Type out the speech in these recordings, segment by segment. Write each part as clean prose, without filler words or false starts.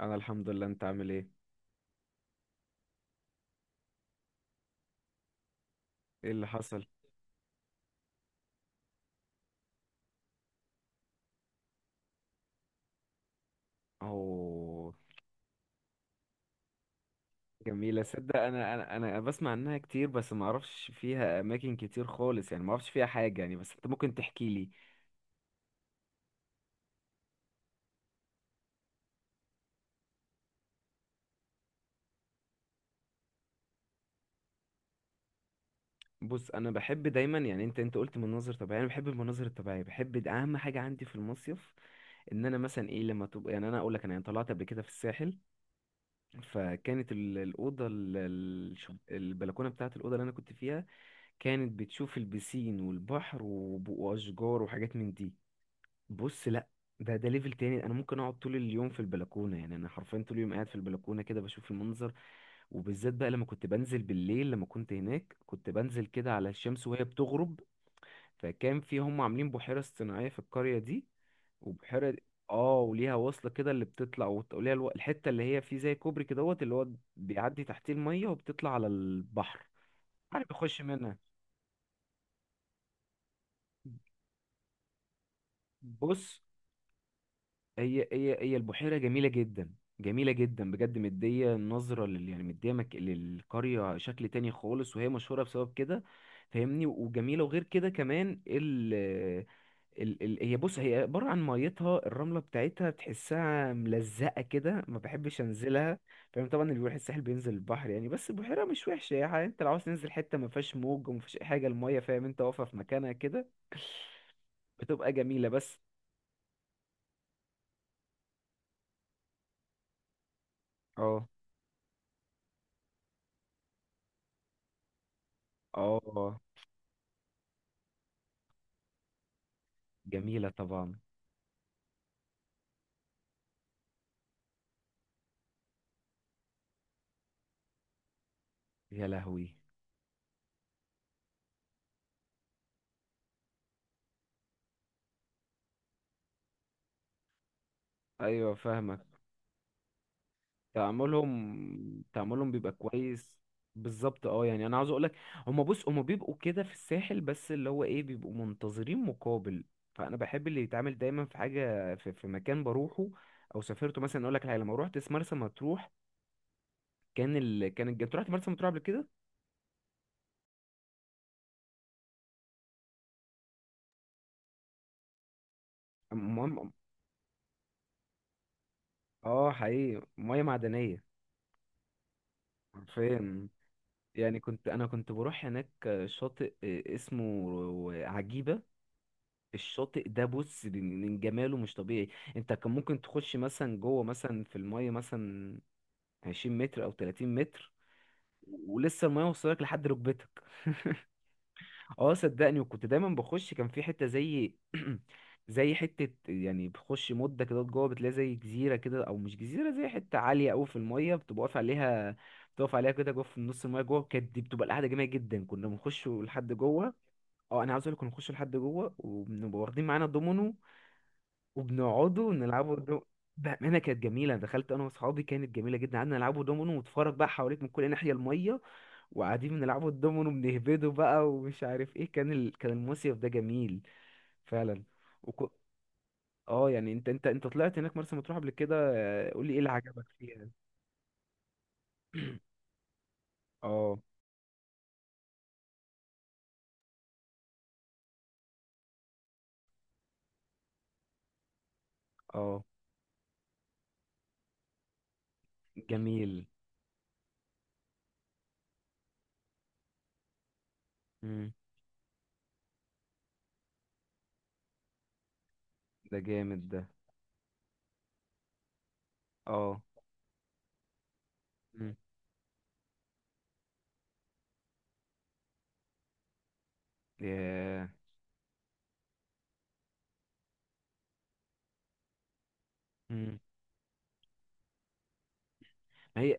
انا الحمد لله، انت عامل ايه؟ ايه اللي حصل؟ اهو. جميله، صدق، انا بسمع عنها كتير، بس ما اعرفش فيها اماكن كتير خالص، يعني ما اعرفش فيها حاجه، يعني بس انت ممكن تحكي لي. بص، انا بحب دايما، يعني انت قلت مناظر طبيعيه، انا بحب المناظر الطبيعيه، بحب اهم حاجه عندي في المصيف. ان انا مثلا ايه لما تبقى، يعني انا اقول لك، انا يعني طلعت قبل كده في الساحل. فكانت الاوضه، البلكونه بتاعه الاوضه اللي انا كنت فيها، كانت بتشوف البسين والبحر واشجار وحاجات من دي. بص، لا. ده ليفل تاني، انا ممكن اقعد طول اليوم في البلكونه، يعني انا حرفيا طول اليوم قاعد في البلكونه كده بشوف المنظر. وبالذات بقى لما كنت بنزل بالليل، لما كنت هناك كنت بنزل كده على الشمس وهي بتغرب. فكان في، هم عاملين بحيره اصطناعيه في القريه دي. وبحيره دي- اه وليها وصله كده اللي بتطلع وليها الحته اللي هي فيه زي كوبري كده دوت، اللي هو بيعدي تحتيه الميه وبتطلع على البحر. عارف، بيخش منها. بص، هي البحيرة جميلة جدا. جميلة جدا بجد، مدية نظرة يعني مدية للقرية شكل تاني خالص، وهي مشهورة بسبب كده. فاهمني، وجميلة، وغير كده كمان ال... ال... هي بص هي عبارة عن ميتها، الرملة بتاعتها بتحسها ملزقة كده، ما بحبش انزلها. فاهم، طبعا اللي بيروح الساحل بينزل البحر يعني، بس البحيرة مش وحشة، يعني انت لو عاوز تنزل حتة ما فيهاش موج وما فيهاش اي حاجة، المية فاهم انت واقفة في مكانها كده. بتبقى جميلة بس. اه، اه. جميلة طبعا. يا لهوي! ايوه، فاهمك. تعاملهم بيبقى كويس. بالظبط، اه يعني انا عاوز اقولك، هما بص هما بيبقوا كده في الساحل، بس اللي هو ايه، بيبقوا منتظرين مقابل. فانا بحب اللي يتعامل دايما في حاجة، في مكان بروحه، او سافرته مثلا. اقول لك حاجة، لما روحت مرسى مطروح، كان ال... كان الج... انت رحت مرسى مطروح قبل كده؟ المهم. اه، حقيقي مياه معدنية. حرفيا. يعني انا كنت بروح هناك شاطئ، اسمه عجيبة. الشاطئ ده، بص، من جماله مش طبيعي. انت كان ممكن تخش مثلا جوه، مثلا في المية مثلا 20 متر او 30 متر، ولسه المية وصلك لحد ركبتك. اه، صدقني، وكنت دايما بخش، كان في حتة زي زي حتة، يعني بخش مدة كده جوه بتلاقي زي جزيرة كده، أو مش جزيرة، زي حتة عالية أوي في المية بتبقى واقف عليها. بتقف عليها كده جوه في نص المية جوه، كانت دي بتبقى القعدة جميلة جدا، كنا بنخش لحد جوه. اه، أنا عاوز أقولك، كنا بنخش لحد جوه وبنبقى واخدين معانا دومينو، وبنقعدوا نلعبوا بأمانة كانت جميلة، دخلت أنا وأصحابي، كانت جميلة جدا، قعدنا نلعبوا دومينو ونتفرج بقى، حواليك من كل ناحية المية، وقاعدين بنلعبوا الدومينو بنهبده بقى ومش عارف إيه. كان المصيف ده جميل فعلا. وك... اه يعني انت طلعت هناك مرسى مطروح قبل كده، قول لي ايه اللي عجبك فيها؟ اه، اه، جميل. مم. ده جامد ده. اه. مم. ياه. مم. ما هي،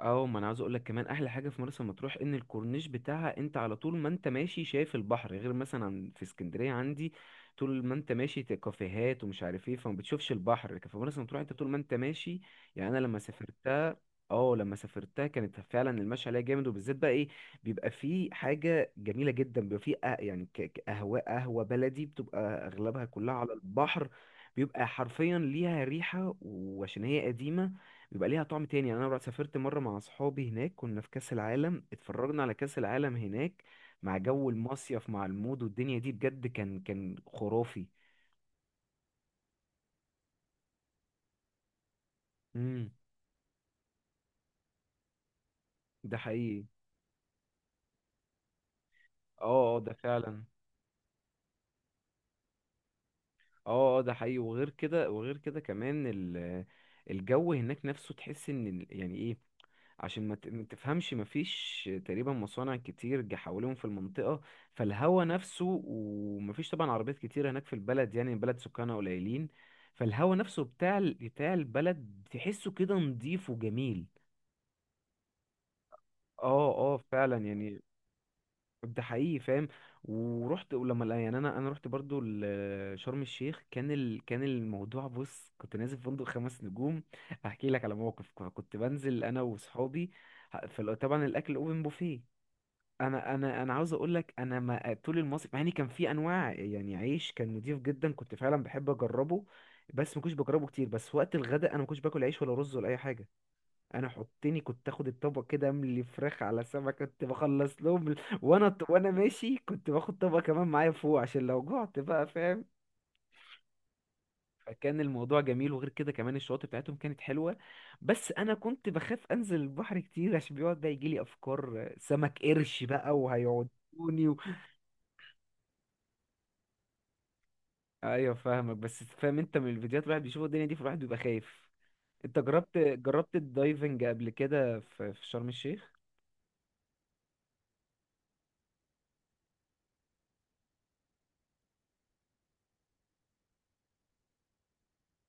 اه ما انا عاوز اقول لك كمان احلى حاجه في مرسى مطروح ان الكورنيش بتاعها، انت على طول ما انت ماشي شايف البحر، غير مثلا في اسكندريه عندي طول ما انت ماشي كافيهات ومش عارف ايه، فما بتشوفش البحر، لكن في مرسى مطروح انت طول ما انت ماشي. يعني انا لما سافرتها، اه لما سافرتها كانت فعلا المشي عليها جامد، وبالذات بقى ايه، بيبقى فيه حاجه جميله جدا، بيبقى فيه يعني قهوه بلدي، بتبقى اغلبها كلها على البحر، بيبقى حرفيا ليها ريحه، وعشان هي قديمه بيبقى ليها طعم تاني. يعني انا سافرت مره مع اصحابي هناك، كنا في كاس العالم، اتفرجنا على كاس العالم هناك مع جو المصيف، مع المود والدنيا دي، بجد كان خرافي. امم. ده حقيقي. اه، اه، ده فعلا. اه، اه، ده حقيقي، وغير كده كمان الجو هناك نفسه، تحس ان يعني ايه، عشان ما تفهمش، مفيش تقريبا مصانع كتير جا حواليهم في المنطقة، فالهوا نفسه. ومفيش طبعا عربيات كتير هناك في البلد، يعني البلد سكانها قليلين، فالهوا نفسه بتاع بتاع البلد تحسه كده نضيف وجميل. اه، اه، فعلا يعني. ده حقيقي، فاهم. ورحت، ولما يعني انا رحت برضو شرم الشيخ. كان الموضوع، بص، كنت نازل في فندق خمس نجوم. هحكي لك على موقف، كنت بنزل انا وصحابي، طبعا الاكل اوبن بوفيه. انا عاوز اقول لك، انا ما طول المصيف، مع ان كان في انواع، يعني عيش كان نضيف جدا كنت فعلا بحب اجربه، بس ما كنتش بجربه كتير، بس وقت الغداء انا ما كنتش باكل عيش ولا رز ولا اي حاجه. انا حطني كنت اخد الطبق كده، املي فراخ على سمك، كنت بخلص لهم وانا ماشي كنت باخد طبق كمان معايا فوق، عشان لو جعت بقى، فاهم. فكان الموضوع جميل، وغير كده كمان الشواطئ بتاعتهم كانت حلوه، بس انا كنت بخاف انزل البحر كتير، عشان بيقعد بقى يجيلي افكار سمك قرش بقى وهيقعد. ايوه، فاهمك، بس فاهم انت من الفيديوهات الواحد بيشوف الدنيا دي، فالواحد بيبقى خايف. انت جربت الدايفنج قبل كده في شرم الشيخ؟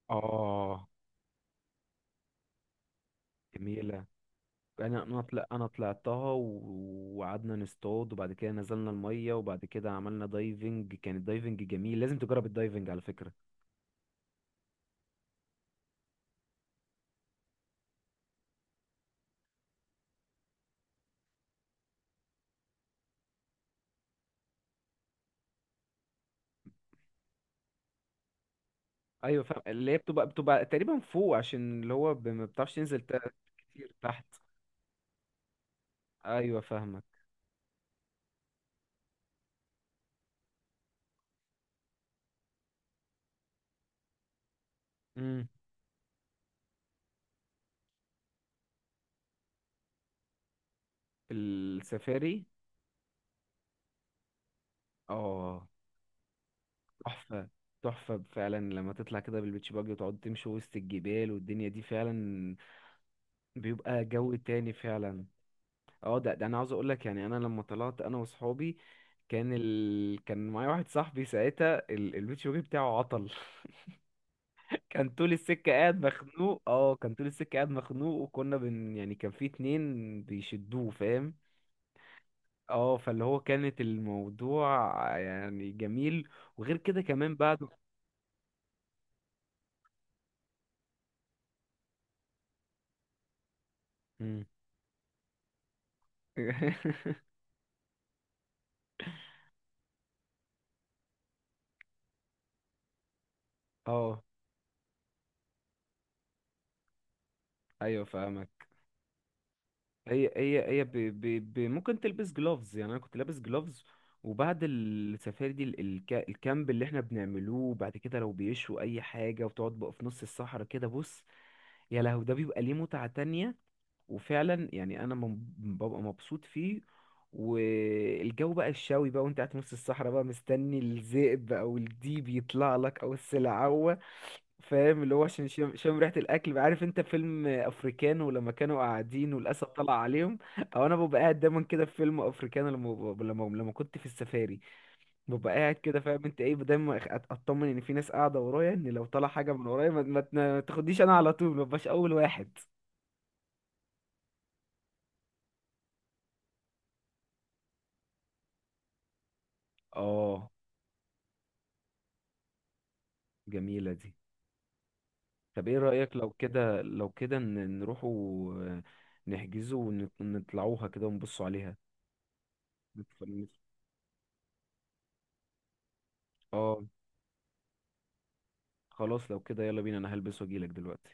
اه، جميلة. انا طلعتها وقعدنا نصطاد، وبعد كده نزلنا المية، وبعد كده عملنا دايفنج، كان الدايفنج جميل، لازم تجرب الدايفنج على فكرة. ايوه، فاهم، اللي هي بتبقى تقريبا فوق، عشان اللي هو ما بتعرفش تنزل كتير تحت. ايوه، فاهمك. امم. السفاري. اه، تحفة. تحفة فعلا، لما تطلع كده بالبيتش باجي وتقعد تمشي وسط الجبال والدنيا دي، فعلا بيبقى جو تاني فعلا. اه، ده انا عاوز اقولك، يعني انا لما طلعت انا وصحابي، كان معايا واحد صاحبي ساعتها، البيتش باجي بتاعه عطل. كان طول السكة قاعد مخنوق، كان طول السكة قاعد مخنوق، وكنا يعني كان في اتنين بيشدوه، فاهم. اه، فاللي هو كانت الموضوع يعني جميل. وغير كده كمان بعده، مم. اه. ايوه، فاهمك. هي هي هي ب... ب... ب... ممكن تلبس جلوفز، يعني انا كنت لابس جلوفز. وبعد السفاري دي الكامب اللي احنا بنعملوه بعد كده، لو بيشوا اي حاجه وتقعد بقى في نص الصحراء كده، بص، يا لهو، ده بيبقى ليه متعه تانية. وفعلا يعني انا ببقى مبسوط فيه. والجو بقى الشاوي بقى، وانت قاعد في نص الصحراء بقى مستني الذئب او الديب يطلع لك او السلعوة، فاهم، اللي هو عشان شم ريحة الاكل بقى. عارف انت فيلم افريكانو لما كانوا قاعدين والاسد طلع عليهم، او انا ببقى قاعد دايما كده في فيلم افريكانو، لما لما كنت في السفاري، ببقى قاعد كده، فاهم انت ايه، دايما اطمن ان في ناس قاعدة ورايا، ان لو طلع حاجة من ورايا ما تاخدنيش انا، على طول ما ببقاش اول واحد. اه، جميلة دي. طب ايه رأيك، لو كده نروحوا، آه، نحجزوا ونطلعوها كده ونبصوا عليها، نتف- نت- اه، خلاص، لو كده يلا بينا، انا هلبس واجيلك دلوقتي.